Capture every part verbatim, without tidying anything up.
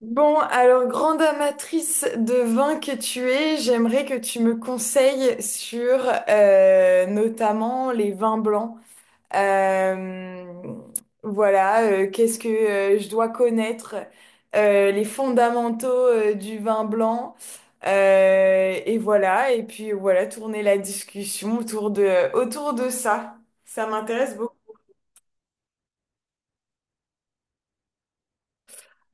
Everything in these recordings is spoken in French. Bon, alors grande amatrice de vin que tu es, j'aimerais que tu me conseilles sur euh, notamment les vins blancs. Euh, voilà, euh, qu'est-ce que euh, je dois connaître, euh, les fondamentaux euh, du vin blanc. Euh, et voilà, et puis voilà, tourner la discussion autour de, autour de ça. Ça m'intéresse beaucoup.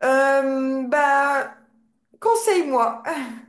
Euh, bah, conseille-moi.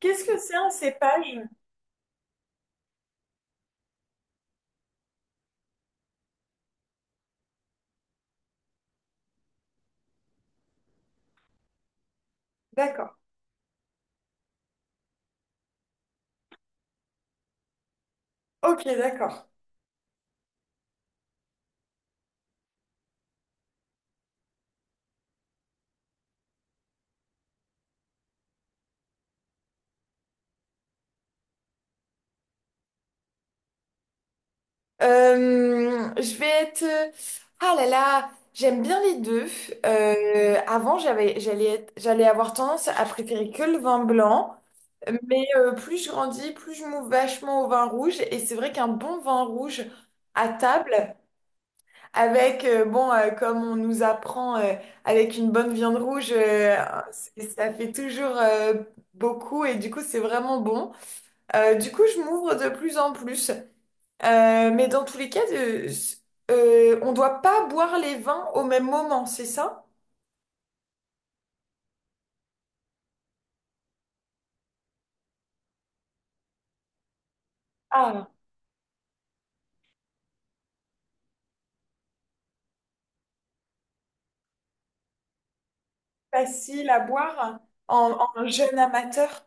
Qu'est-ce que c'est un cépage? D'accord. Ok, d'accord. Euh, je vais être... euh, Ah là là, j'aime bien les deux. Euh, avant, j'avais, j'allais être- j'allais avoir tendance à préférer que le vin blanc. Mais euh, plus je grandis, plus je m'ouvre vachement au vin rouge. Et c'est vrai qu'un bon vin rouge à table, avec, euh, bon, euh, comme on nous apprend, euh, avec une bonne viande rouge, euh, c'est- ça fait toujours euh, beaucoup. Et du coup, c'est vraiment bon. Euh, du coup, je m'ouvre de plus en plus. Euh, mais dans tous les cas, euh, s- euh, on doit pas boire les vins au même moment, c'est ça? Ah, facile à boire en, en jeune amateur.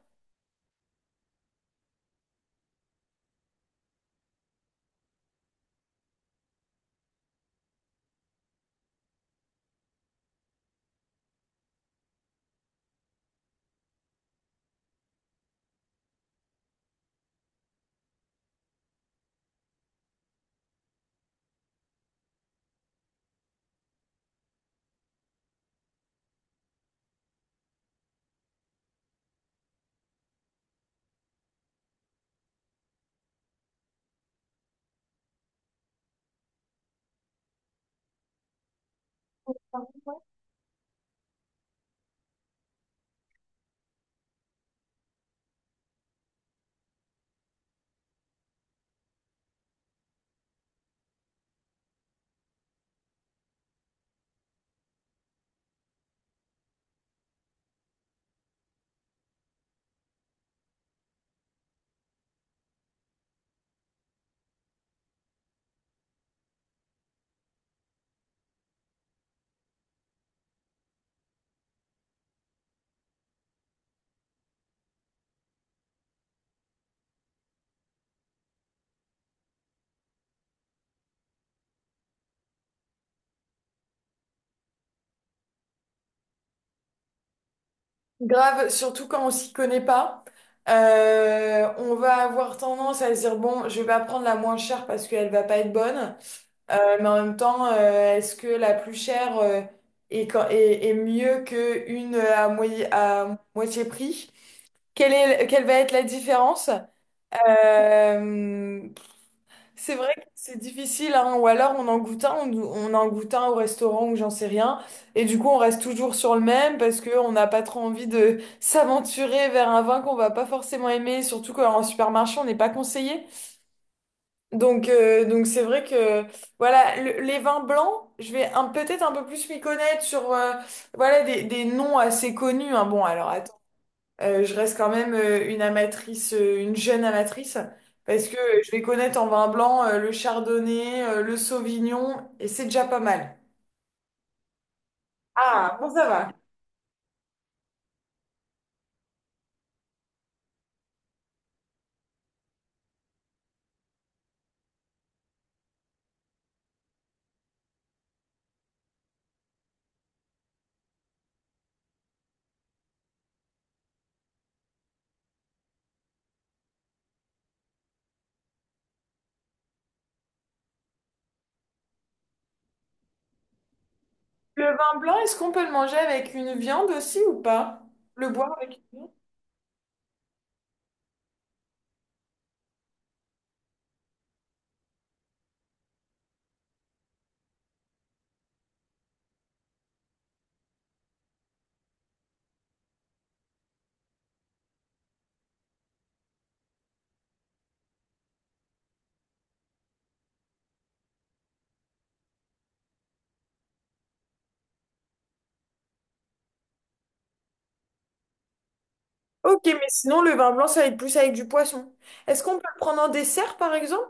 Grave, surtout quand on s'y connaît pas. Euh, on va avoir tendance à se dire, bon, je vais pas prendre la moins chère parce qu'elle va pas être bonne. Euh, mais en même temps, euh, est-ce que la plus chère euh, est, quand- est- est mieux qu'une à, moitié- à moitié prix? Quelle est, quelle va être la différence? Euh, C'est vrai que c'est difficile, hein. Ou alors on en goûte un, on, on en goûte un au restaurant ou j'en sais rien. Et du coup, on reste toujours sur le même parce qu'on n'a pas trop envie de s'aventurer vers un vin qu'on va pas forcément aimer, surtout qu'en supermarché, on n'est pas conseillé. Donc, euh, donc c'est vrai que voilà, le- les vins blancs, je vais un- peut-être un peu plus m'y connaître sur euh, voilà, des, des noms assez connus, hein. Bon, alors euh, je reste quand même euh, une amatrice, euh, une jeune amatrice, parce que euh, je vais connaître en vin blanc euh, le chardonnay, euh, le sauvignon, et c'est déjà pas mal. Ah, bon, ça va. Le vin blanc, est-ce qu'on peut le manger avec une viande aussi ou pas? Le boire avec une viande? Ok, mais sinon, le vin blanc, ça va être plus avec du poisson. Est-ce qu'on peut le prendre en dessert, par exemple?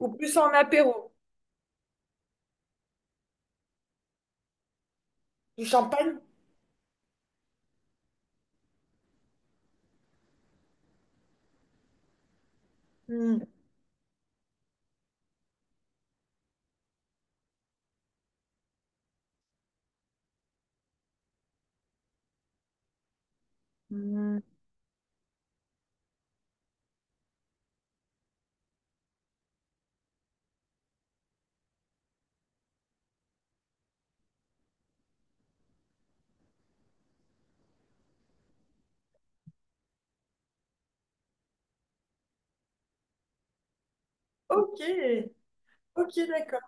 Ou plus en apéro? Du champagne? Hmm. Hmm. Ok, ok, d'accord.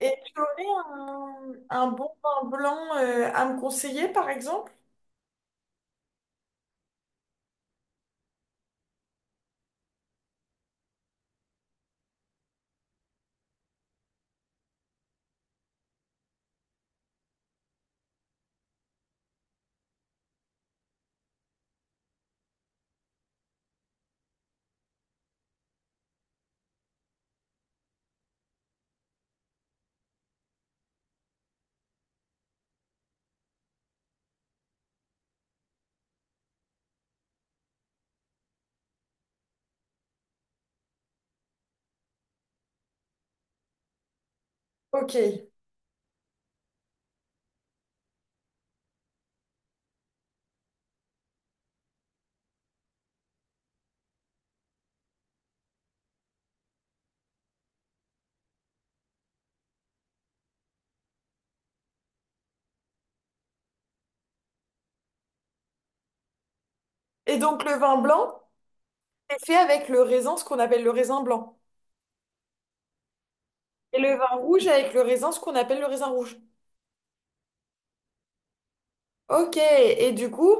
Et tu aurais un, un bon vin blanc euh, à me conseiller, par exemple? Ok. Et donc le vin blanc, c'est fait avec le raisin, ce qu'on appelle le raisin blanc. Et le vin rouge avec le raisin, ce qu'on appelle le raisin rouge. Ok. Et du coup,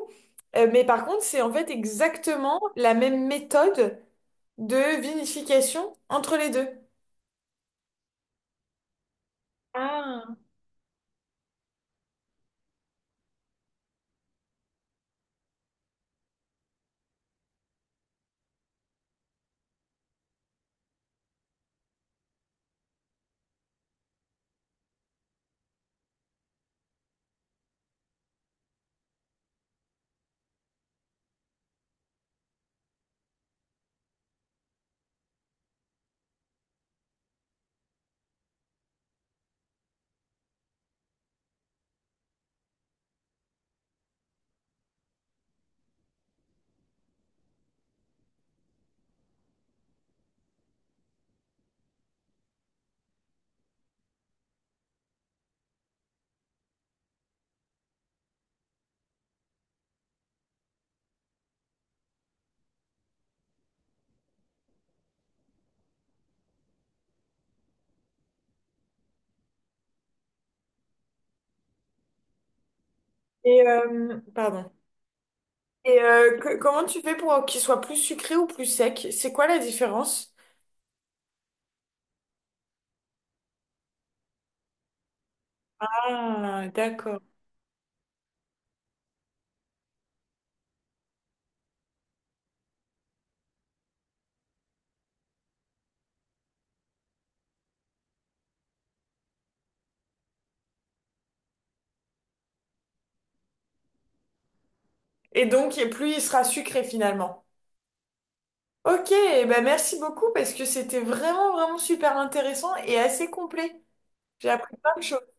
euh, mais par contre, c'est en fait exactement la même méthode de vinification entre les deux. Ah. Et euh, pardon. Et euh, que- comment tu fais pour qu'il soit plus sucré ou plus sec? C'est quoi la différence? Ah, d'accord. Et donc, et plus il sera sucré finalement. Ok, eh ben merci beaucoup parce que c'était vraiment, vraiment super intéressant et assez complet. J'ai appris plein de choses.